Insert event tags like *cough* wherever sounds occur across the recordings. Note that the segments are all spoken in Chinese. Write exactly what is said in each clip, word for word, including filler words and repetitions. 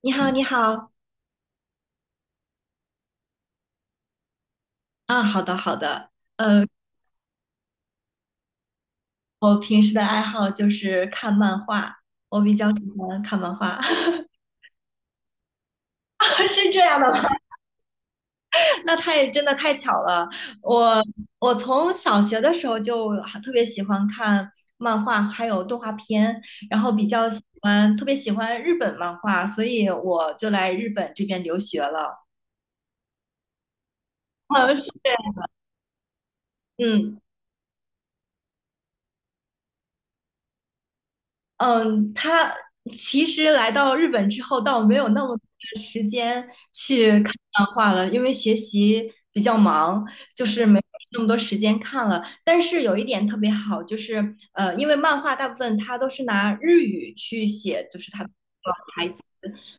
你好，你好啊，好的，好的。呃，我平时的爱好就是看漫画，我比较喜欢看漫画。*laughs* 是这样的吗？*laughs* 那太真的太巧了。我我从小学的时候就很特别喜欢看漫画，还有动画片，然后比较喜欢特别喜欢日本漫画，所以我就来日本这边留学了。嗯，是，嗯。嗯，他其实来到日本之后，倒没有那么多的时间去看漫画了，因为学习比较忙，就是没有那么多时间看了。但是有一点特别好，就是呃，因为漫画大部分它都是拿日语去写，就是它，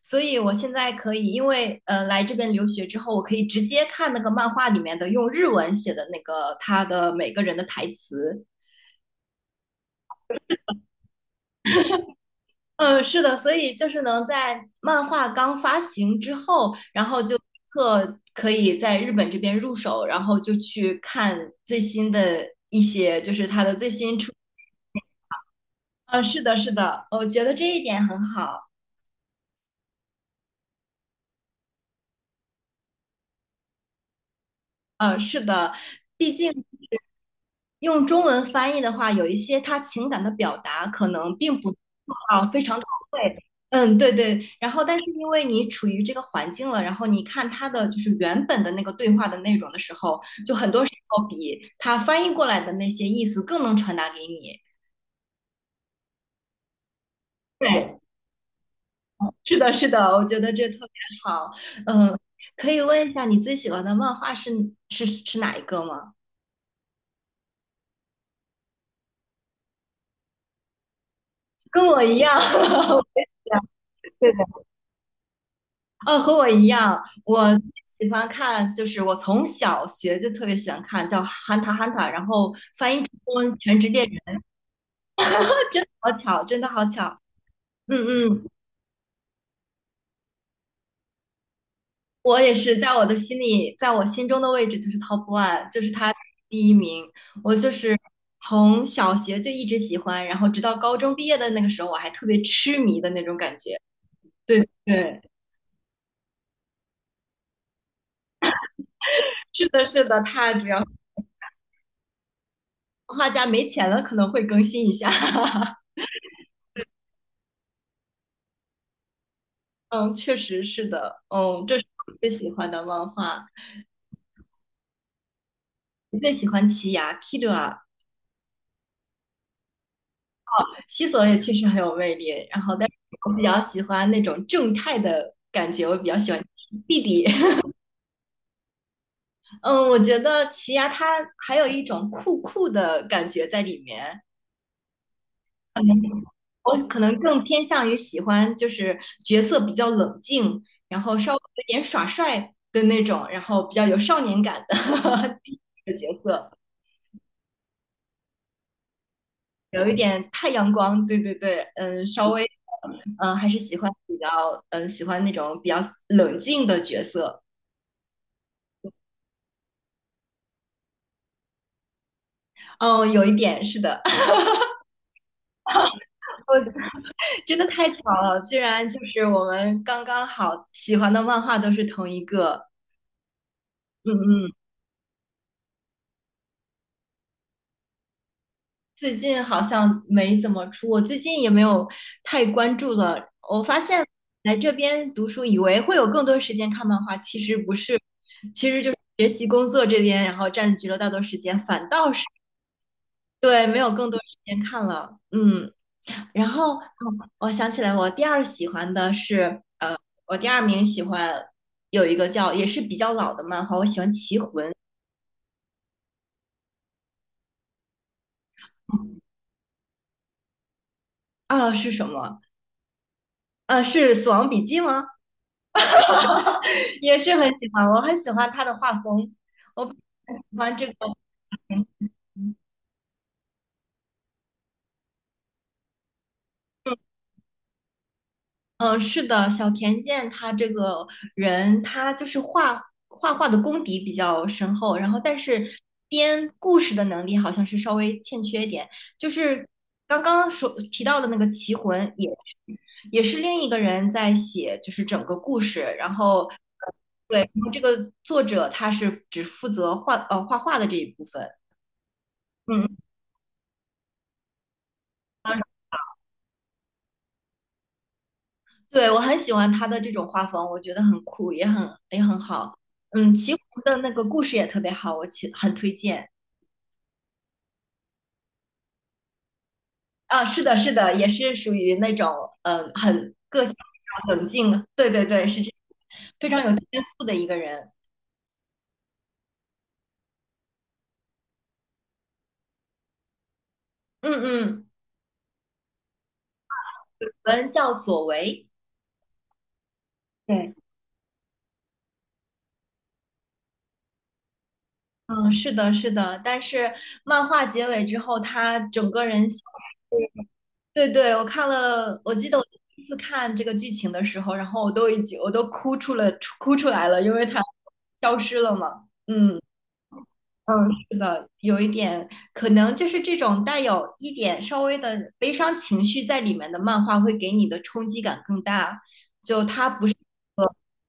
所以我现在可以，因为呃来这边留学之后，我可以直接看那个漫画里面的用日文写的那个他的每个人的台词。嗯，是的，所以就是能在漫画刚发行之后，然后就立刻可以在日本这边入手，然后就去看最新的一些，就是它的最新出。嗯，是的，是的，我觉得这一点很好。嗯，是的，毕竟用中文翻译的话，有一些他情感的表达可能并不啊非常到位。嗯，对对。然后，但是因为你处于这个环境了，然后你看他的就是原本的那个对话的内容的时候，就很多时候比他翻译过来的那些意思更能传达给你。对，是的，是的，我觉得这特别好。嗯，可以问一下你最喜欢的漫画是是是哪一个吗？跟我一样。*laughs* 对的。哦，和我一样，我喜欢看，就是我从小学就特别喜欢看，叫《hunter 汉塔汉塔》，然后翻译成中文《全职猎人》，*laughs* 真的好巧，真的好巧。嗯嗯，我也是在我的心里，在我心中的位置就是 top one，就是他第一名。我就是从小学就一直喜欢，然后直到高中毕业的那个时候，我还特别痴迷的那种感觉。对对，是的，是的，他主要是动画家没钱了，可能会更新一下。*laughs* 嗯，确实是的，嗯，这是我最喜欢的漫画，我最喜欢奇牙 Kira，西索也确实很有魅力，然后但是我比较喜欢那种正太的感觉，我比较喜欢弟弟，*laughs* 嗯，我觉得奇牙他还有一种酷酷的感觉在里面，可能我可能更偏向于喜欢就是角色比较冷静，然后稍微有点耍帅的那种，然后比较有少年感的 *laughs* 角色。有一点太阳光，对对对，嗯，稍微，嗯，还是喜欢比较，嗯，喜欢那种比较冷静的角色。哦，有一点是的，*laughs* 我真的太巧了，居然就是我们刚刚好喜欢的漫画都是同一个。嗯嗯，最近好像没怎么出，我最近也没有太关注了。我发现来这边读书，以为会有更多时间看漫画，其实不是，其实就是学习工作这边，然后占据了大多时间，反倒是。对，没有更多时间看了，嗯。然后，嗯我想起来，我第二喜欢的是我第二名喜欢有一个叫也是比较老的漫画，我喜欢《棋魂》啊，是什么？呃、是《死亡笔记》吗？*laughs* 也是很喜欢，我很喜欢他的画风，我喜欢这个，嗯嗯，是的，小田健他这个人，他就是画画画的功底比较深厚，然后但是编故事的能力好像是稍微欠缺一点。就是刚刚所提到的那个《棋魂》也，也是另一个人在写，就是整个故事。然后，对，然后这个作者他是只负责画呃画画的这一部分。嗯，对，我很喜欢他的这种画风，我觉得很酷，也很也很好。嗯，《棋魂》的那个故事也特别好，我其很推荐。啊，是的，是的，也是属于那种呃很冷静，对对对，是这非常有天赋的一个人。嗯嗯，人叫左为。对，嗯，是的，是的。但是漫画结尾之后，他整个人。对对，我看了，我记得我第一次看这个剧情的时候，然后我都已经我都哭出了哭出来了，因为它消失了嘛。嗯嗯，是的，有一点可能就是这种带有一点稍微的悲伤情绪在里面的漫画，会给你的冲击感更大。就它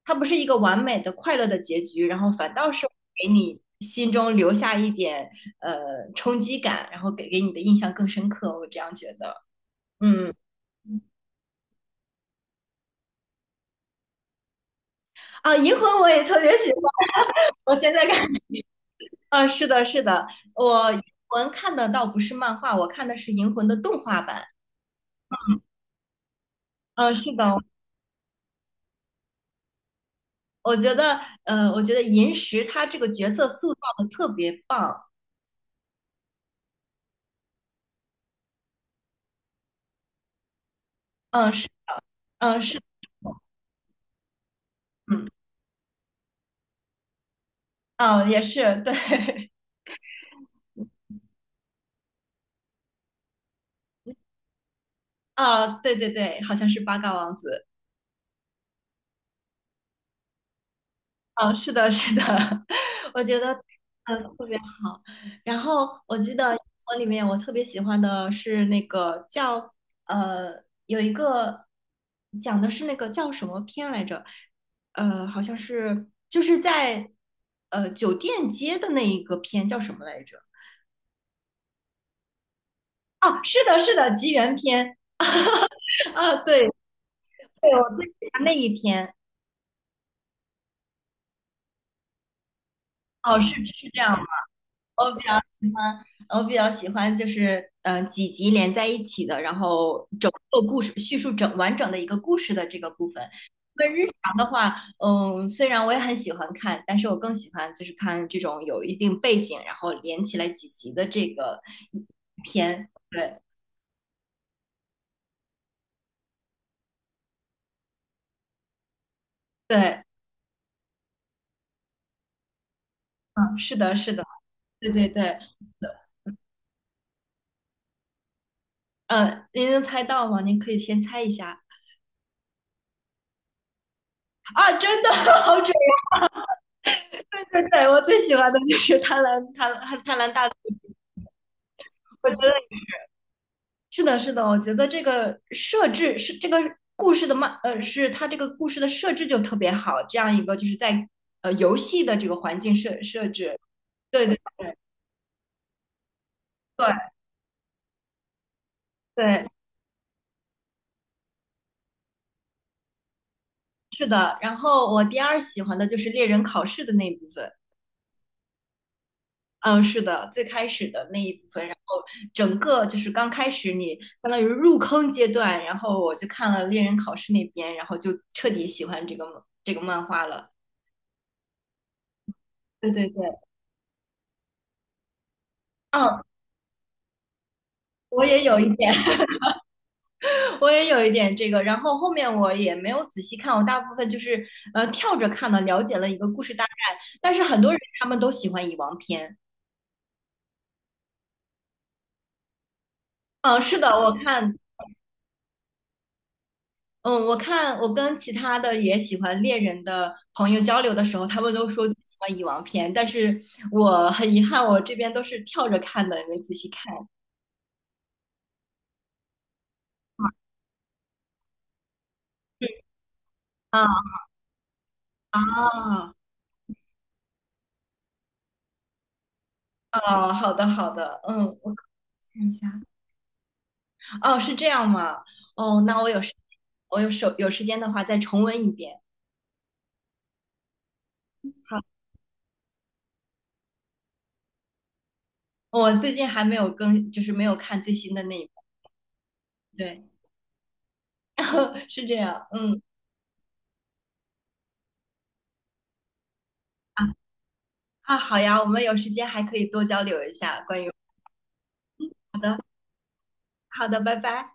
它不是一个完美的快乐的结局，然后反倒是给你心中留下一点呃冲击感，然后给给你的印象更深刻。我这样觉得，嗯。啊，银魂我也特别喜欢，我现在看。啊，是的，是的，我银魂看的倒不是漫画，我看的是银魂的动画版。嗯，是的，我觉得，呃，我觉得银石他这个角色塑造的特别棒。嗯，是，嗯，是，嗯，啊，也是，对，*laughs* 啊，对对对，好像是八嘎王子。嗯，是的，是的，*laughs* 我觉得嗯特别好。然后我记得英文里面我特别喜欢的是那个叫呃有一个讲的是那个叫什么片来着？呃，好像是就是在呃酒店街的那一个片叫什么来着？哦，是的，是的，吉原篇。*laughs* 啊，对对，我最喜欢那一篇。哦，是是这样。我比较喜欢，我比较喜欢就是嗯几集连在一起的，然后整个故事叙述整完整的一个故事的这个部分。因为日常的话，嗯，虽然我也很喜欢看，但是我更喜欢就是看这种有一定背景，然后连起来几集的这个片。对对，嗯，是的，是的，对对对，嗯，您能猜到吗？您可以先猜一下。啊，真的 *laughs* 好准！对对对，我最喜欢的就是《贪婪贪婪贪婪大》，是的，是的，我觉得这个设置是这个故事的漫，呃，是它这个故事的设置就特别好，这样一个就是在呃游戏的这个环境设设置，对对对对对，是的。然后我第二喜欢的就是猎人考试的那一部分，嗯，是的，最开始的那一部分，然后整个就是刚开始你相当于入坑阶段，然后我就看了猎人考试那边，然后就彻底喜欢这个这个漫画了。对对对，嗯，我也有一点。我也有一点这个，然后后面我也没有仔细看，我大部分就是呃跳着看的，了解了一个故事大概。但是很多人他们都喜欢蚁王篇，嗯、呃是的，我看，嗯，我看我跟其他的也喜欢猎人的朋友交流的时候，他们都说喜欢蚁王篇，但是我很遗憾，我这边都是跳着看的，也没仔细看。啊啊，啊！哦好的好的，嗯，我看一下。*laughs* 哦，是这样吗？哦，那我有时我有手有时间的话再重温一遍。好，我最近还没有更，就是没有看最新的那一部。对，*laughs* 是这样。嗯啊啊，好呀，我们有时间还可以多交流一下关于。好的，好的，拜拜。